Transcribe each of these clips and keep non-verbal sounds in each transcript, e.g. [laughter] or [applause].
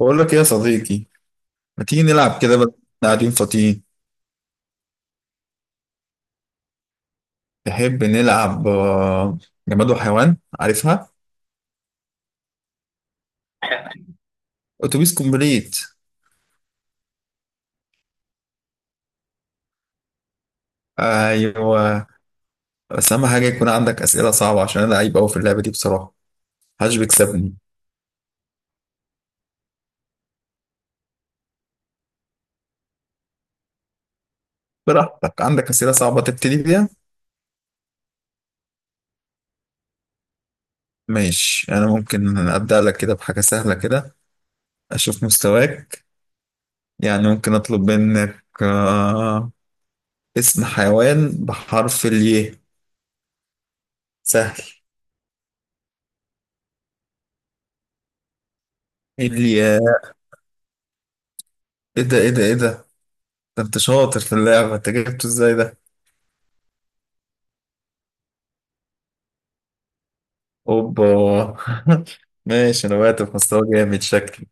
بقول لك ايه يا صديقي؟ ما تيجي نلعب كده بدل ما إحنا قاعدين فاضيين؟ تحب نلعب جماد وحيوان، عارفها؟ اتوبيس كومبليت. ايوه، بس اهم حاجه يكون عندك اسئله صعبه عشان انا لعيب قوي في اللعبه دي بصراحه، محدش بيكسبني. براحتك، عندك اسئله صعبه تبتدي بيها. ماشي، انا ممكن ابدا لك كده بحاجه سهله كده، اشوف مستواك. يعني ممكن اطلب منك اسم حيوان بحرف الياء. سهل. الياء. ايه ده، ايه ده، ايه ده؟ ده انت شاطر في اللعبة، انت جبته ازاي ده؟ اوبا. [laughs] ماشي، انا وقعت في مستوى جامد شكلي.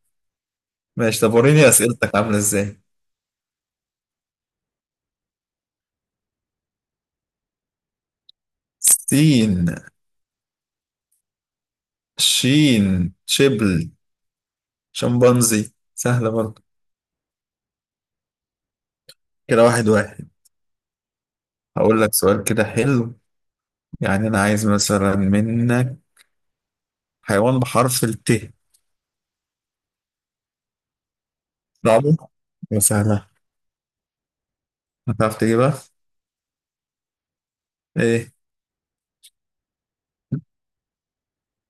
ماشي، طب وريني اسئلتك عاملة ازاي. سين. شين. شبل. شمبانزي، سهلة برضه. كده واحد واحد. هقول لك سؤال كده حلو. يعني انا عايز مثلا منك حيوان بحرف الت. صعبة ولا سهلة؟ هتعرف تجيبها؟ ايه.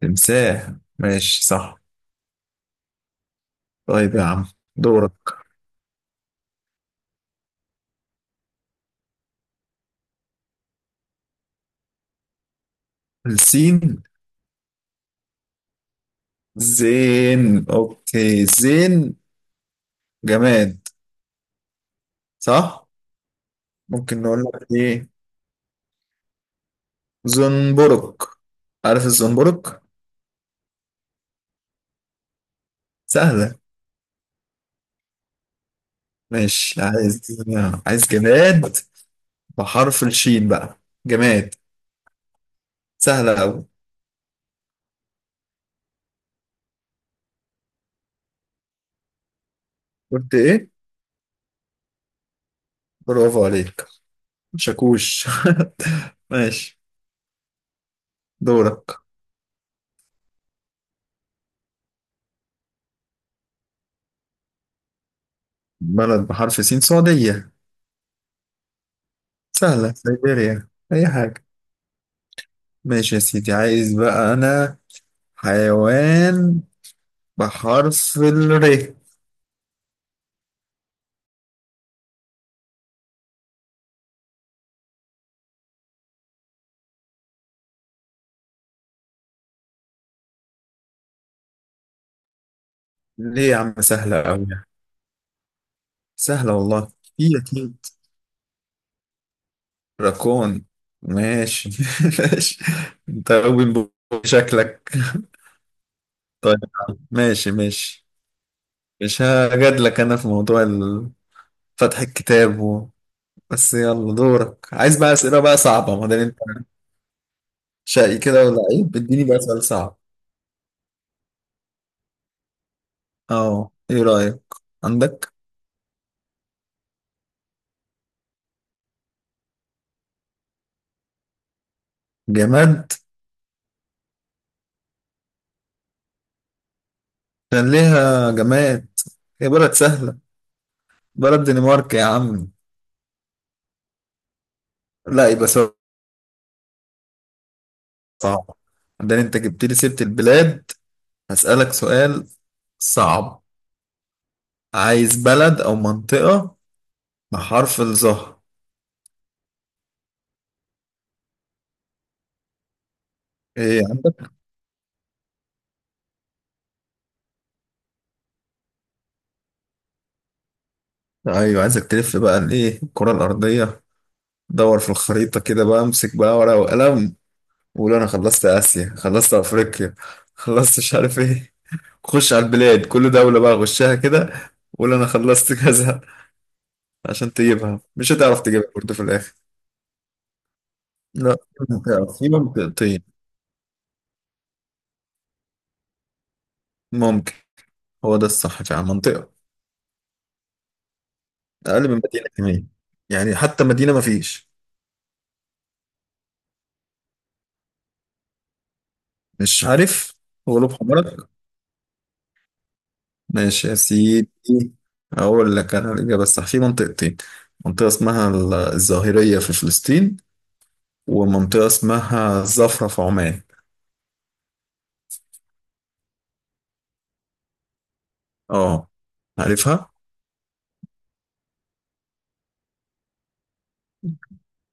تمساح. ماشي صح. طيب يا عم، دورك. السين. زين، اوكي، زين. جماد. صح. ممكن نقول لك ايه، زنبرك. عارف الزنبرك. سهلة. ماشي. عايز جماد بحرف الشين بقى. جماد. سهلة أوي. قلت ايه؟ برافو عليك. شاكوش. [laughs] ماشي. دورك. بلد بحرف سين، سعودية. سهلة، سيبيريا، أي حاجة. ماشي يا سيدي، عايز بقى أنا حيوان بحرف الر. ليه يا عم، سهلة أوي يعني؟ سهلة والله، في أكيد. راكون. ماشي [laughs] ماشي. أنت أوي شكلك. طيب، ماشي ماشي. مش هجادلك أنا في موضوع فتح الكتاب بس يلا دورك. عايز بقى أسئلة بقى صعبة، ما دام أنت شقي كده ولعيب، اديني بقى سؤال صعب. أه، إيه رأيك؟ عندك جماد؟ كان ليها جماد. هي بلد سهلة. بلد، دنمارك يا عم. لا، يبقى سؤال صعب. ده انت جبت لي سيرة البلاد. هسألك سؤال صعب. عايز بلد او منطقة بحرف الظهر. ايه يا عم. ايوه، عايزك تلف بقى الايه، الكرة الارضية. دور في الخريطة كده بقى، امسك بقى ورقة وقلم وقول انا خلصت اسيا، خلصت افريقيا، خلصت مش عارف ايه. خش على البلاد، كل دولة بقى غشها كده، وقول انا خلصت [laughs] كذا، عشان تجيبها. مش هتعرف تجيبها برضه في الاخر. لا، في منطقة، في منطقتين. ممكن. هو ده الصح فعلا، منطقة. اقل من مدينه كمان، يعني حتى مدينه ما فيش. مش عارف. غلوب حمرك. ماشي يا سيدي، اقول لك انا الاجابه الصح. في منطقتين، منطقه اسمها الظاهريه في فلسطين، ومنطقه اسمها الزفره في عمان. اه، عارفها.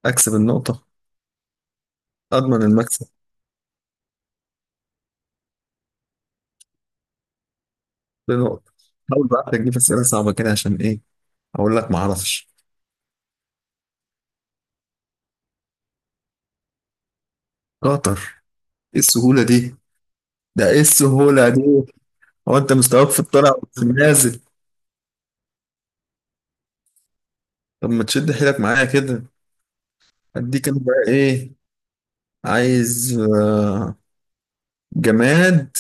اكسب النقطه. اضمن المكسب. بنقطه. حاول بقى تجيب اسئله صعبه كده، عشان ايه، اقول لك ما اعرفش. قطر. ايه السهوله دي، ده ايه السهوله دي؟ هو انت مستواك في الطلع وفي النازل. طب ما تشد حيلك معايا كده. اديك انا بقى ايه، عايز جماد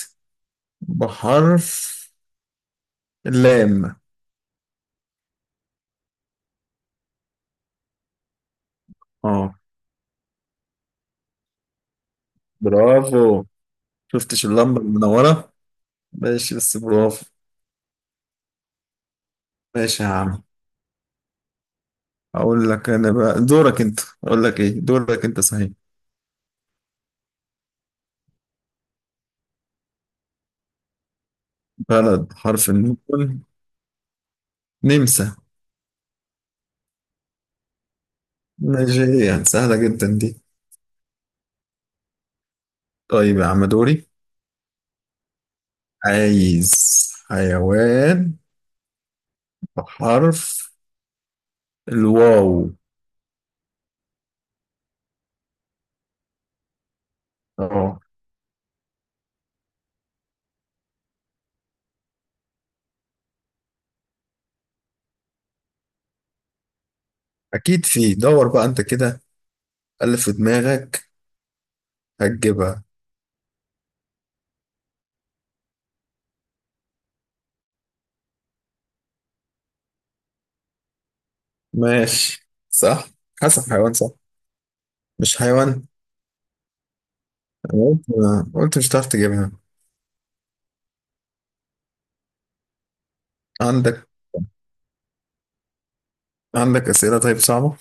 بحرف اللام. اه. برافو. شفتش اللمبة المنورة. ماشي، بس برافو. ماشي يا عم. اقول لك انا بقى دورك انت، اقول لك ايه، دورك انت صحيح. بلد حرف النون، نمسا. نيجيريا، سهلة جدا دي. طيب يا عم، دوري. عايز حيوان بحرف الواو. اه. اكيد في، دور بقى انت كده، اللي في دماغك هتجيبها. ماشي صح. حسب حيوان، صح. مش حيوان. أنا قلت، قلت مش هتعرف تجيبها. عندك؟ عندك أسئلة طيب صعبة؟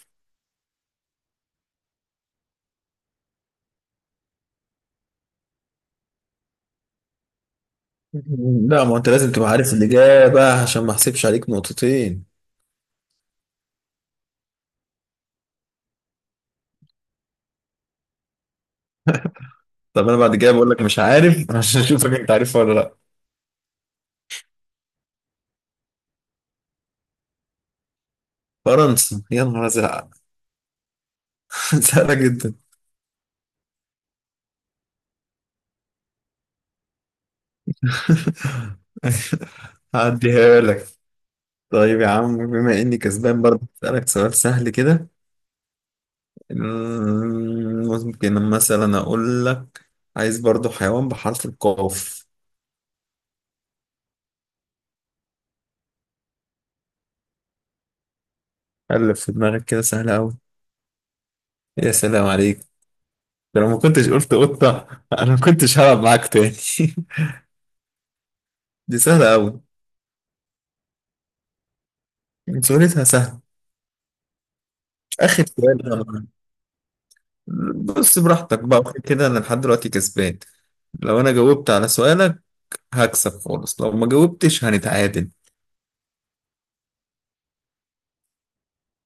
لا، ما انت لازم تبقى عارف الإجابة، عشان ما احسبش عليك نقطتين. طب انا بعد كده بقول لك مش عارف [laughs] عشان اشوفك انت عارفها ولا لا. فرنسا يا نهار ازرق. [laughs] سهلة جدا. [laughs] هعديها لك. طيب يا عم، بما اني كسبان برضه اسألك سؤال سهل كده. ممكن مثلا اقول لك، عايز برضو حيوان بحرف القاف. قلب في دماغك كده، سهل قوي. يا سلام عليك، ده لو ما كنتش قلت قطة [laughs] انا ما كنتش هلعب معاك تاني. [laughs] دي سهلة قوي. سهولتها سهلة. اخر سؤال بص، براحتك بقى، وكده كده انا لحد دلوقتي كسبان. لو انا جاوبت على سؤالك هكسب خالص، لو ما جاوبتش هنتعادل.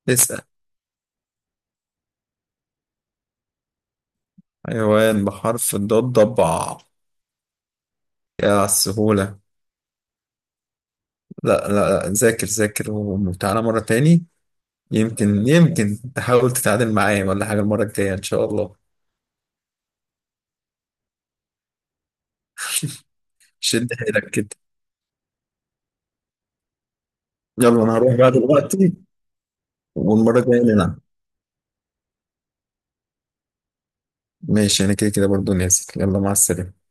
اسأل. حيوان بحرف الضاد، ضبع. يا على السهولة. لا لا لا، ذاكر ذاكر وتعالى مرة تاني. يمكن يمكن تحاول تتعادل معايا ولا حاجة المرة الجاية إن شاء الله. شد حيلك كده. يلا أنا هروح بقى دلوقتي. والمرة الجاية نلعب. ماشي، أنا كده كده برضه نازل. يلا، مع السلامة.